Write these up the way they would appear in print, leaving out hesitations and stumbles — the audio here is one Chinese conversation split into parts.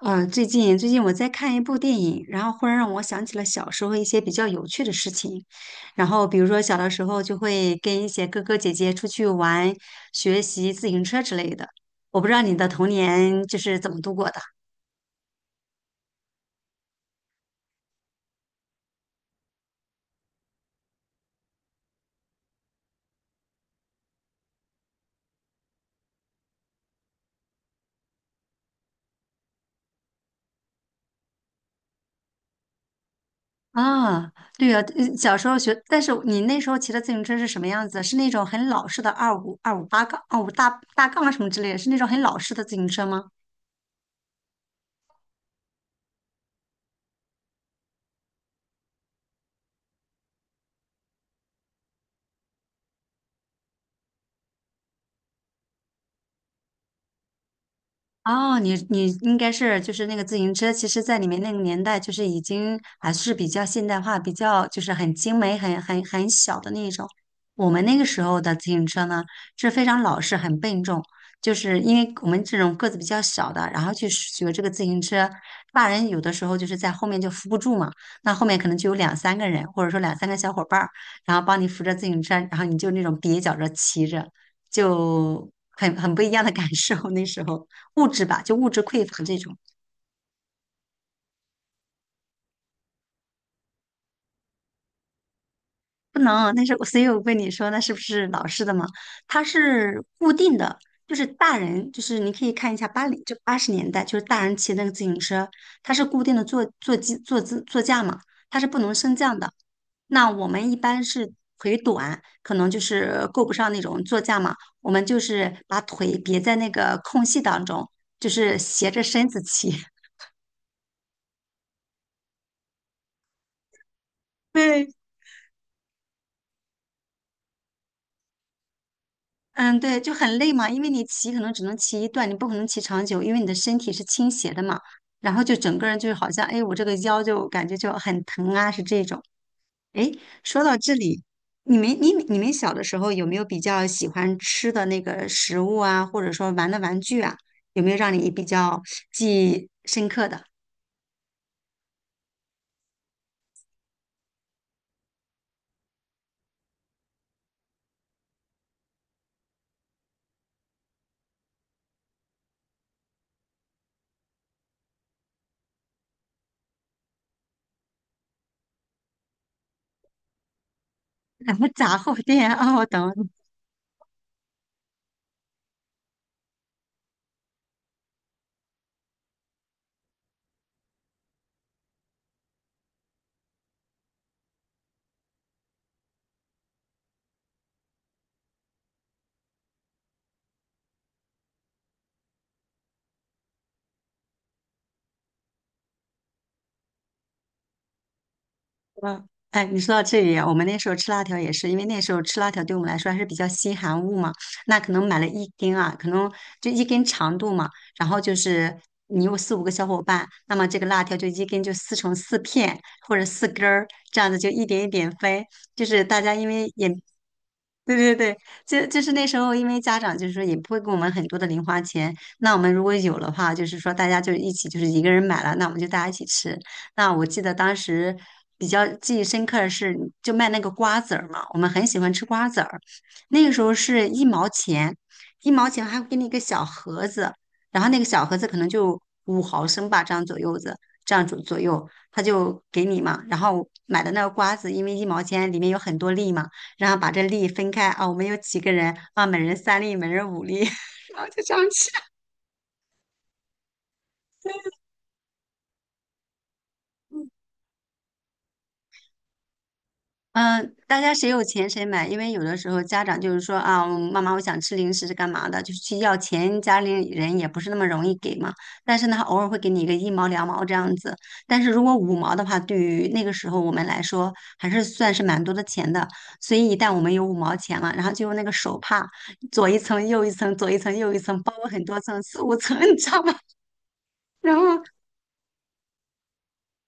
嗯，最近我在看一部电影，然后忽然让我想起了小时候一些比较有趣的事情。然后比如说小的时候就会跟一些哥哥姐姐出去玩、学习自行车之类的。我不知道你的童年就是怎么度过的啊？对呀，小时候学，但是你那时候骑的自行车是什么样子？是那种很老式的二五二五八杠、二五大大杠啊什么之类的，是那种很老式的自行车吗？哦，你应该是就是那个自行车，其实在你们那个年代，就是已经还是比较现代化，比较就是很精美、很小的那一种。我们那个时候的自行车呢，是非常老式、很笨重，就是因为我们这种个子比较小的，然后去学这个自行车，大人有的时候就是在后面就扶不住嘛，那后面可能就有两三个人，或者说两三个小伙伴儿，然后帮你扶着自行车，然后你就那种蹩脚着骑着，就很不一样的感受那时候。物质吧，就物质匮乏这种不能。但是所以我问你说，那是不是老式的嘛？它是固定的，就是大人，就是你可以看一下80年代，就是大人骑那个自行车，它是固定的坐姿座驾嘛，它是不能升降的。那我们一般是腿短，可能就是够不上那种座驾嘛，我们就是把腿别在那个空隙当中，就是斜着身子骑。对，嗯，对，就很累嘛，因为你骑可能只能骑一段，你不可能骑长久，因为你的身体是倾斜的嘛。然后就整个人就是好像，哎，我这个腰就感觉就很疼啊，是这种。哎，说到这里，你们小的时候有没有比较喜欢吃的那个食物啊，或者说玩的玩具啊，有没有让你比较记忆深刻的？然后杂货店哦，懂。嗯，哎，你说到这里啊，我们那时候吃辣条也是，因为那时候吃辣条对我们来说还是比较稀罕物嘛，那可能买了一根啊，可能就一根长度嘛，然后就是你有四五个小伙伴，那么这个辣条就一根就撕成四片或者四根儿，这样子就一点一点分，就是大家因为也对对对，就是那时候，因为家长就是说也不会给我们很多的零花钱，那我们如果有的话，就是说大家就一起，就是一个人买了，那我们就大家一起吃。那我记得当时比较记忆深刻的是，就卖那个瓜子儿嘛，我们很喜欢吃瓜子儿，那个时候是一毛钱，一毛钱还会给你一个小盒子，然后那个小盒子可能就5毫升吧，这样左右子，这样左右，他就给你嘛。然后买的那个瓜子，因为一毛钱里面有很多粒嘛。然后把这粒分开啊，我们有几个人啊，每人三粒，每人五粒，然后就这样吃。嗯，大家谁有钱谁买，因为有的时候家长就是说啊，妈妈我想吃零食是干嘛的，就是去要钱，家里人也不是那么容易给嘛。但是呢，他偶尔会给你一个一毛两毛这样子，但是如果五毛的话，对于那个时候我们来说还是算是蛮多的钱的。所以一旦我们有五毛钱了，然后就用那个手帕左一层右一层，左一层右一层，包了很多层，四五层，你知道吗？然后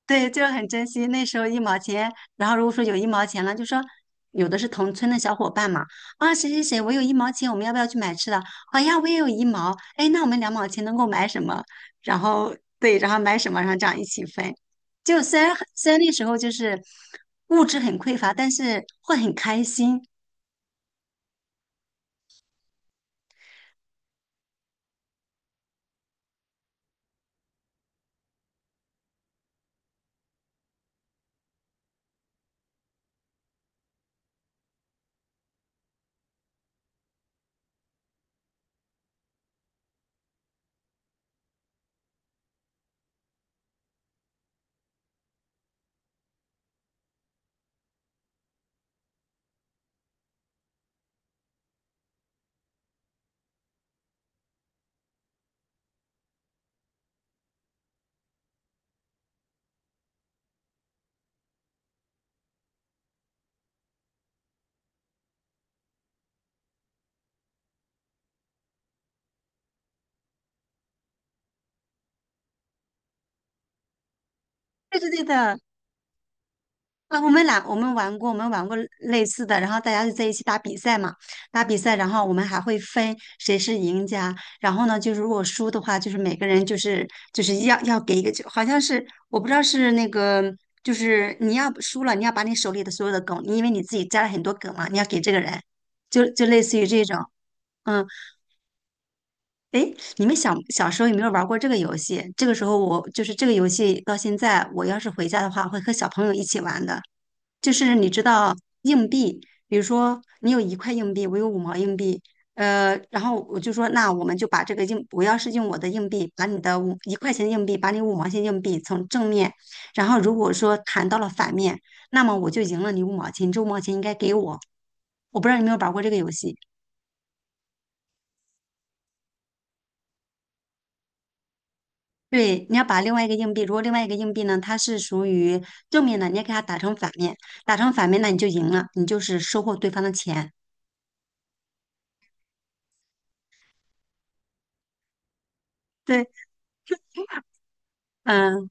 对，就是很珍惜那时候一毛钱。然后如果说有一毛钱了，就说有的是同村的小伙伴嘛，啊，谁谁谁，我有一毛钱，我们要不要去买吃的？好呀，我也有一毛，哎，那我们2毛钱能够买什么？然后对，然后买什么，然后这样一起分。就虽然很虽然那时候就是物质很匮乏，但是会很开心。对对对的，啊，我们玩过，我们玩过类似的，然后大家就在一起打比赛嘛，打比赛，然后我们还会分谁是赢家，然后呢，就是如果输的话，就是每个人就是要给一个就好像是我不知道是那个，就是你要输了，你要把你手里的所有的梗，你因为你自己加了很多梗嘛，你要给这个人，就类似于这种，嗯。诶，你们小时候有没有玩过这个游戏？这个时候我就是这个游戏到现在，我要是回家的话，会和小朋友一起玩的。就是你知道硬币，比如说你有一块硬币，我有五毛硬币，呃，然后我就说那我们就把这个硬，我要是用我的硬币把你的五一块钱硬币，把你五毛钱硬币从正面，然后如果说弹到了反面，那么我就赢了你五毛钱，你这五毛钱应该给我。我不知道你有没有玩过这个游戏。对，你要把另外一个硬币，如果另外一个硬币呢，它是属于正面的，你要给它打成反面，打成反面，那你就赢了，你就是收获对方的钱。对，嗯、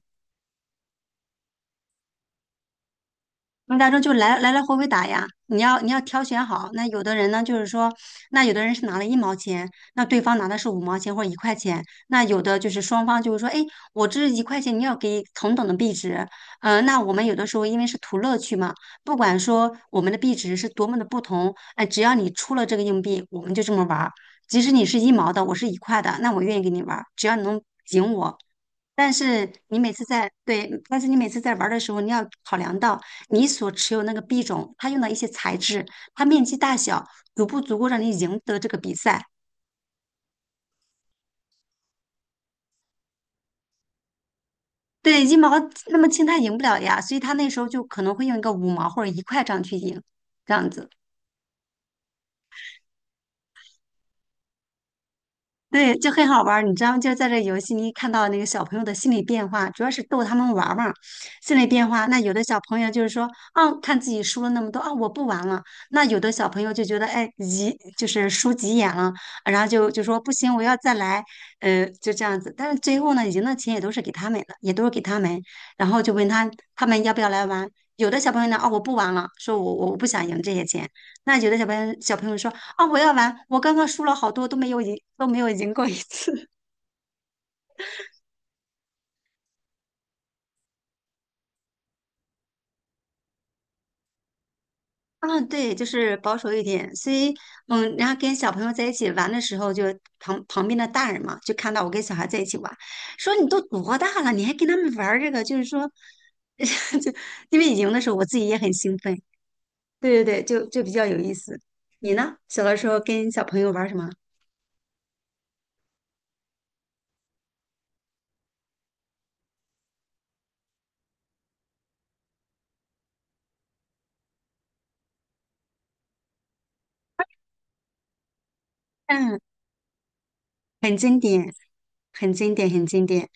那大众就来回回打呀，你要挑选好。那有的人呢，就是说，那有的人是拿了一毛钱，那对方拿的是五毛钱或者一块钱，那有的就是双方就是说，哎，我这一块钱你要给同等的币值，呃，那我们有的时候因为是图乐趣嘛，不管说我们的币值是多么的不同，哎，只要你出了这个硬币，我们就这么玩儿。即使你是一毛的，我是一块的，那我愿意跟你玩儿，只要你能赢我。但是你每次在，对，但是你每次在玩儿的时候，你要考量到。你所持有那个币种，它用的一些材质，它面积大小，足不足够让你赢得这个比赛？对，一毛那么轻，它赢不了呀，所以他那时候就可能会用一个五毛或者一块这样去赢，这样子。对，就很好玩儿，你知道吗？就是在这游戏里看到那个小朋友的心理变化，主要是逗他们玩儿嘛，心理变化。那有的小朋友就是说，啊，看自己输了那么多，啊，我不玩了。那有的小朋友就觉得，哎，急，就是输急眼了，然后就说不行，我要再来，呃，就这样子。但是最后呢，赢的钱也都是给他们的，也都是给他们。然后就问他他们要不要来玩。有的小朋友呢，哦，我不玩了，说我不想赢这些钱。那有的小朋友说。啊，我要玩！我刚刚输了好多，都没有赢，都没有赢过一次。啊，对，就是保守一点。所以，嗯，然后跟小朋友在一起玩的时候，就旁边的大人嘛，就看到我跟小孩在一起玩，说你都多大了，你还跟他们玩儿这个？就是说，就因为赢的时候，我自己也很兴奋。对对对，就比较有意思。你呢？小的时候跟小朋友玩儿什么？嗯。很经典，很经典，很经典。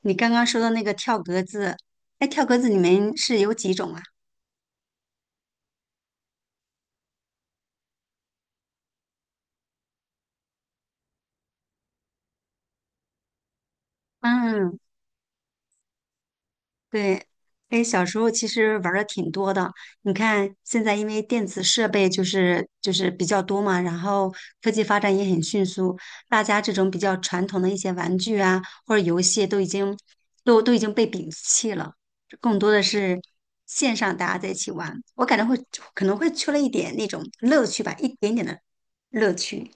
你刚刚说的那个跳格子，哎，跳格子你们是有几种啊？嗯，对，哎，小时候其实玩的挺多的。你看，现在因为电子设备就是比较多嘛，然后科技发展也很迅速，大家这种比较传统的一些玩具啊或者游戏都已经都已经被摒弃了，更多的是线上大家在一起玩。我感觉会可能会缺了一点那种乐趣吧，一点点的乐趣。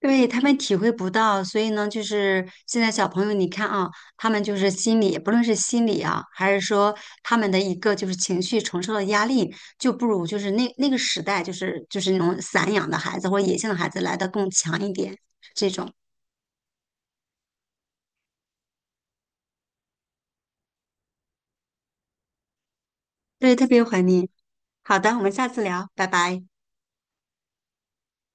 对，他们体会不到，所以呢，就是现在小朋友，你看啊，他们就是心理，不论是心理啊，还是说他们的一个就是情绪承受的压力，就不如就是那个时代，就是那种散养的孩子或者野性的孩子来的更强一点，这种，对，特别怀念。好的，我们下次聊，拜拜。